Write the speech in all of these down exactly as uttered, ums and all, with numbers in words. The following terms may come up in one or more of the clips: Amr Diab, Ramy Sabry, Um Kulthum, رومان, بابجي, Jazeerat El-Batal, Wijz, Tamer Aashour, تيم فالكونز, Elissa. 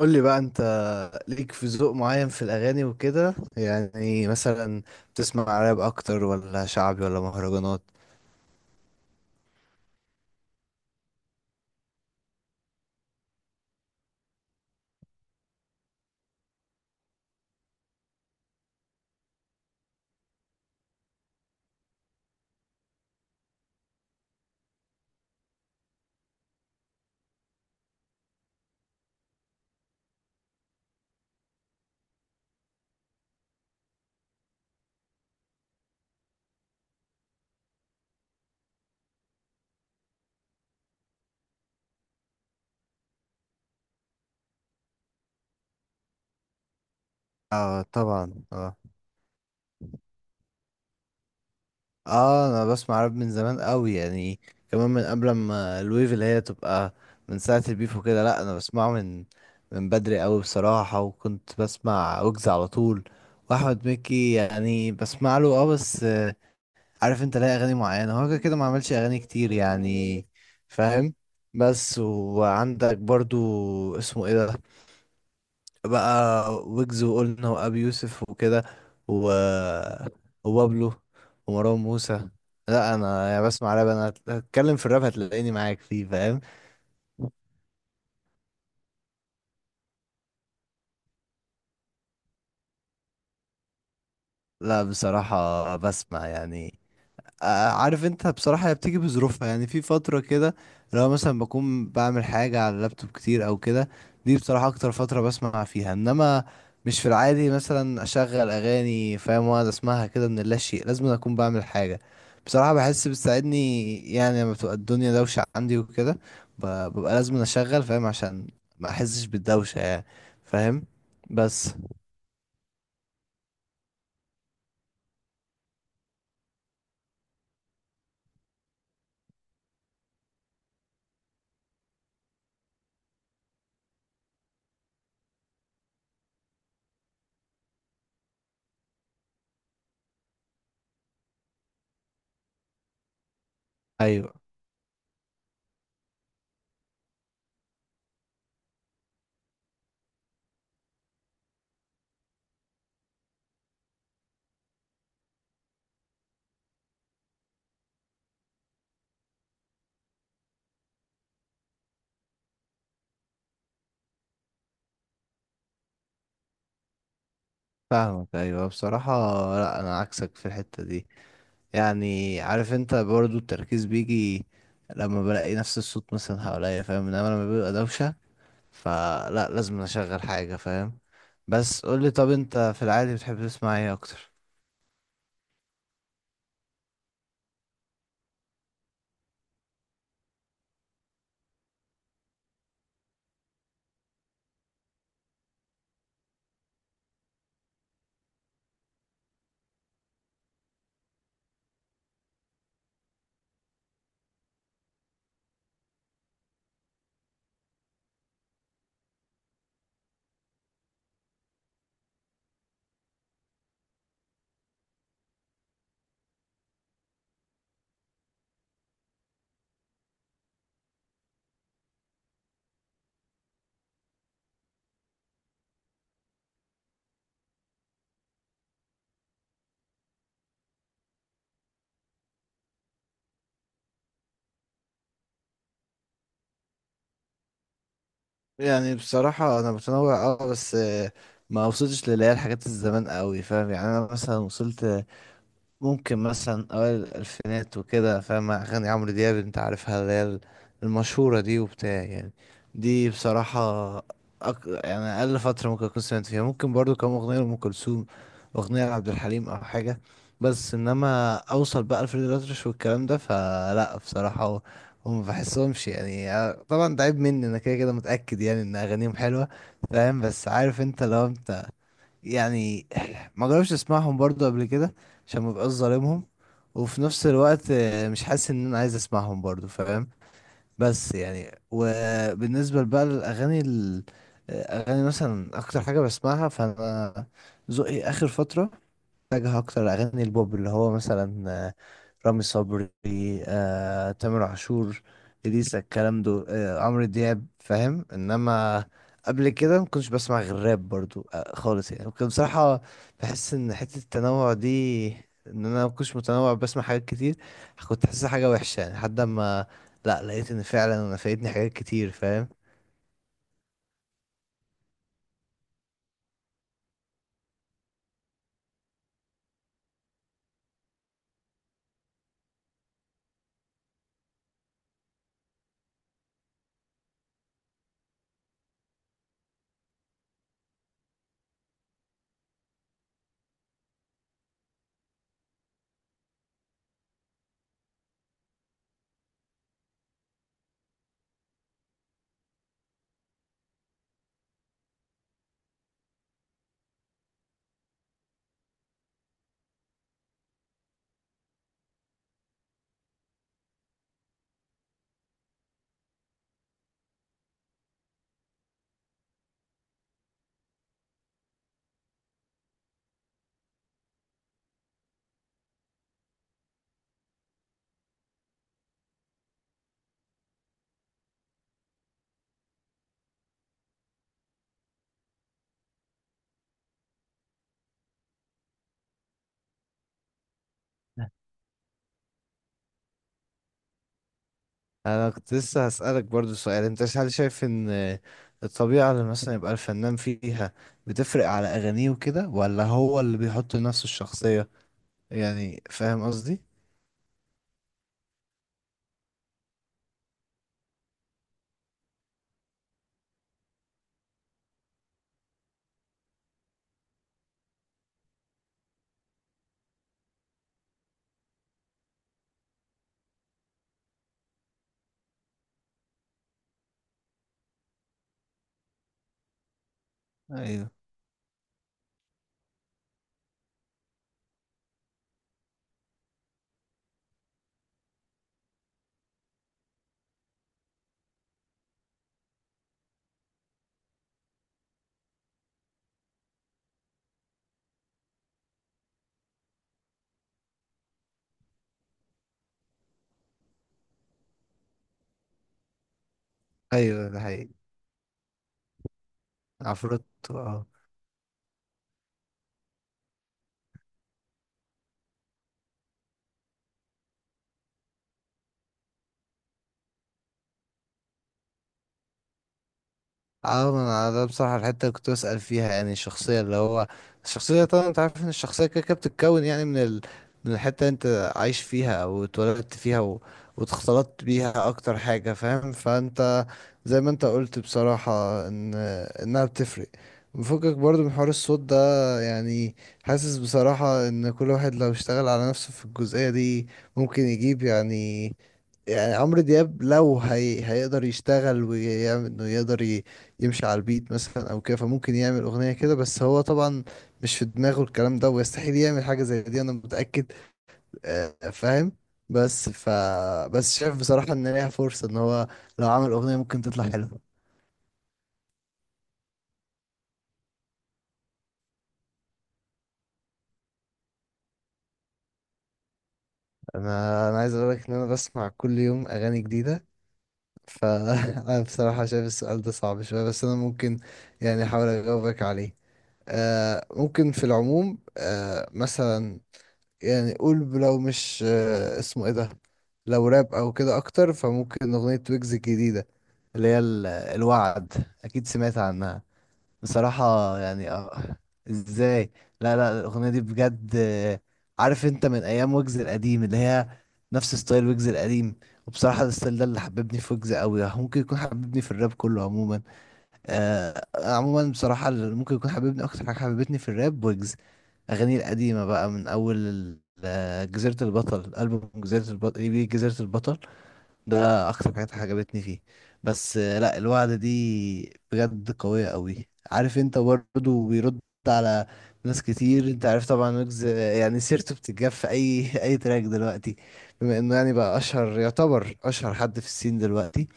قول لي بقى انت، ليك في ذوق معين في الاغاني وكده يعني؟ مثلا بتسمع راب اكتر ولا شعبي ولا مهرجانات؟ اه، طبعا. اه. اه انا بسمع راب من زمان قوي يعني، كمان من قبل ما الويف اللي هي تبقى، من ساعة البيف وكده. لا، انا بسمعه من من بدري قوي بصراحة، وكنت بسمع ويجز على طول واحمد مكي. يعني بسمع له، اه بس عارف انت ليه اغاني معينه، هو كده كده ما عملش اغاني كتير يعني. فاهم؟ بس، وعندك برضو، اسمه ايه ده بقى، ويجز وقلنا وابي يوسف وكده، و... وبابلو، ومروان موسى. لا انا يعني بسمع راب، انا هتكلم في الراب هتلاقيني معاك فيه، فاهم؟ لا، بصراحه بسمع يعني. آه، عارف انت، بصراحة هي بتيجي بظروفها. يعني في فترة كده، لو مثلا بكون بعمل حاجة على اللابتوب كتير او كده، دي بصراحة اكتر فترة بسمع فيها. انما مش في العادي مثلا اشغل اغاني، فاهم؟ واقعد اسمعها كده من لا شيء. لازم اكون بعمل حاجة. بصراحة بحس بتساعدني، يعني لما بتبقى الدنيا دوشة عندي وكده، ب- ببقى لازم اشغل، فاهم؟ عشان ما احسش بالدوشة يعني. فاهم؟ بس. ايوه، فاهمك. ايوه بصراحة، لا انا عكسك في الحتة دي. يعني عارف انت برضو التركيز بيجي لما بلاقي نفس الصوت مثلا حواليا، فاهم؟ انما لما بيبقى دوشة فلا، لازم اشغل حاجة، فاهم؟ بس قولي، طب انت في العادي بتحب تسمع ايه اكتر؟ يعني بصراحة انا متنوع، اه بس آه، ما وصلتش للي هي الحاجات الزمان قوي، فاهم؟ يعني انا مثلا وصلت ممكن مثلا اوائل الالفينات وكده، فاهم؟ اغاني عمرو دياب انت عارفها، اللي هي المشهوره دي وبتاع يعني. دي بصراحه أك... يعني اقل فتره ممكن اكون سمعت فيها، ممكن برضو كم اغنيه لام كلثوم، اغنيه لعبد الحليم او حاجه. بس انما اوصل بقى لفريد الأطرش والكلام ده فلا، بصراحه هو- هم ما بحسهمش يعني. آه، طبعا ده عيب مني انا، كده كده متاكد يعني ان اغانيهم حلوه، فاهم؟ بس عارف انت، لو انت يعني ما جربش اسمعهم برضو قبل كده، عشان ما بقاش ظالمهم. وفي نفس الوقت آه، مش حاسس ان انا عايز اسمعهم برضو، فاهم؟ بس يعني، وبالنسبه بقى للاغاني ال- اغاني، مثلا اكتر حاجه بسمعها فانا، ذوقي اخر فتره اتجه اكتر اغاني البوب، اللي هو مثلا رامي صبري، آه، تامر عاشور، إليسا، الكلام ده، آه، عمرو دياب، فاهم؟ انما قبل كده ما كنتش بسمع غير راب برضو، آه، خالص يعني. كنت بصراحة بحس ان حتة التنوع دي، ان انا ما كنتش متنوع بسمع حاجات كتير، كنت حاسسها حاجة وحشة، يعني لحد ما، لا لقيت ان فعلا انا فايتني حاجات كتير، فاهم؟ انا كنت لسه هسألك برضو سؤال، انت هل شايف ان الطبيعة اللي مثلا يبقى الفنان فيها بتفرق على اغانيه وكده، ولا هو اللي بيحط لنفسه الشخصية؟ يعني فاهم قصدي؟ ايوه، ايوه، ده حقيقي. عفروت. اه، ما انا ده بصراحة الحتة اللي كنت بسأل فيها، يعني الشخصية اللي هو، الشخصية طبعا انت عارف ان الشخصية كده كده بتتكون يعني من ال... من الحتة اللي انت عايش فيها او اتولدت فيها و... واتخلطت بيها، اكتر حاجة فاهم؟ فانت زي ما انت قلت بصراحة ان انها بتفرق، مفكك برضو من حوار الصوت ده يعني. حاسس بصراحة ان كل واحد لو اشتغل على نفسه في الجزئية دي ممكن يجيب يعني يعني عمرو دياب لو هي... هيقدر يشتغل ويعمل انه يقدر ي... يمشي على البيت مثلا او كده، فممكن يعمل اغنية كده. بس هو طبعا مش في دماغه الكلام ده، ويستحيل يعمل حاجة زي دي، انا متأكد. آه، فاهم؟ بس ف بس شايف بصراحة ان ليها فرصة، ان هو لو عمل اغنية ممكن تطلع حلوة. انا انا عايز اقول لك ان انا بسمع كل يوم اغاني جديدة، فانا بصراحة شايف السؤال ده صعب شوية، بس انا ممكن يعني احاول اجاوبك عليه. آه، ممكن في العموم، آه مثلا يعني، قول لو مش آه، اسمه ايه ده، لو راب او كده اكتر، فممكن اغنية ويجز الجديدة، اللي هي ال- الوعد. اكيد سمعت عنها؟ بصراحة يعني آه، ازاي. لا لا، الاغنية دي بجد آه، عارف انت من ايام ويجز القديم، اللي هي نفس ستايل ويجز القديم. وبصراحة الستايل ده اللي حببني في ويجز قوي، ممكن يكون حببني في الراب كله عموما. آه عموما بصراحة اللي ممكن يكون حبيبني أكتر حاجة حبيبتني في الراب، ويجز أغانيه القديمة بقى من أول ال- آه، جزيرة البطل، ألبوم جزيرة البطل إي بي جزيرة البطل. ده أكتر حاجات عجبتني فيه. بس آه لأ، الوعد دي بجد قوية قوي. عارف أنت برضه بيرد على ناس كتير، أنت عارف طبعا ويجز، آه، يعني سيرته بتتجاب في أي أي تراك دلوقتي، بما إنه يعني بقى أشهر، يعتبر أشهر حد في السين دلوقتي،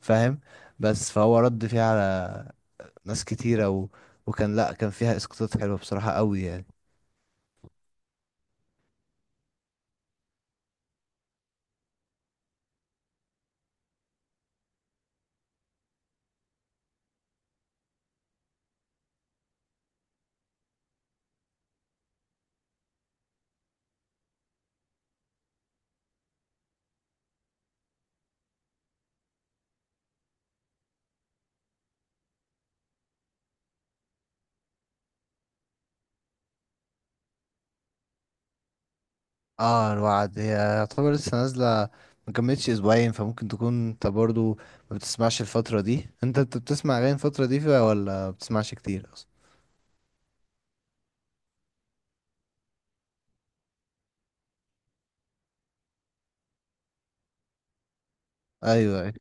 فاهم؟ بس فهو رد فيه على ناس كتيرة و... وكان، لأ كان فيها اسقاطات حلوة بصراحة قوي يعني. اه، الوعد هي يعتبر لسه نازلة، ما كملتش اسبوعين، فممكن تكون انت برضو ما بتسمعش الفترة دي. انت انت بتسمع اغاني الفترة دي فيها ولا ما بتسمعش كتير اصلا؟ ايوه، ايوه.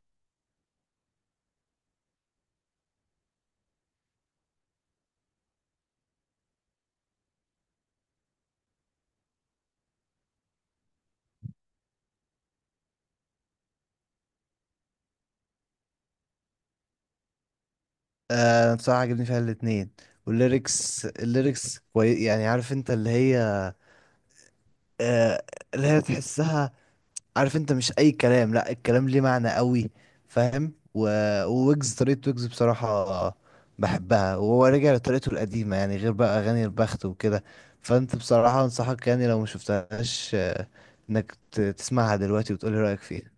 آه، بصراحة عجبني فيها الاتنين، والليركس. الليركس كوي... يعني عارف انت اللي هي آه اللي هي تحسها. عارف انت مش اي كلام، لا الكلام ليه معنى قوي، فاهم؟ و... وويجز، طريقة ويجز بصراحة بحبها، وهو رجع لطريقته القديمة يعني، غير بقى اغاني البخت وكده. فانت بصراحة انصحك يعني لو ما شفتهاش، آه، انك ت- تسمعها دلوقتي وتقولي رأيك فيها.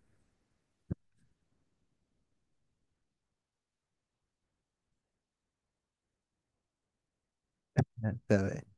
تمام.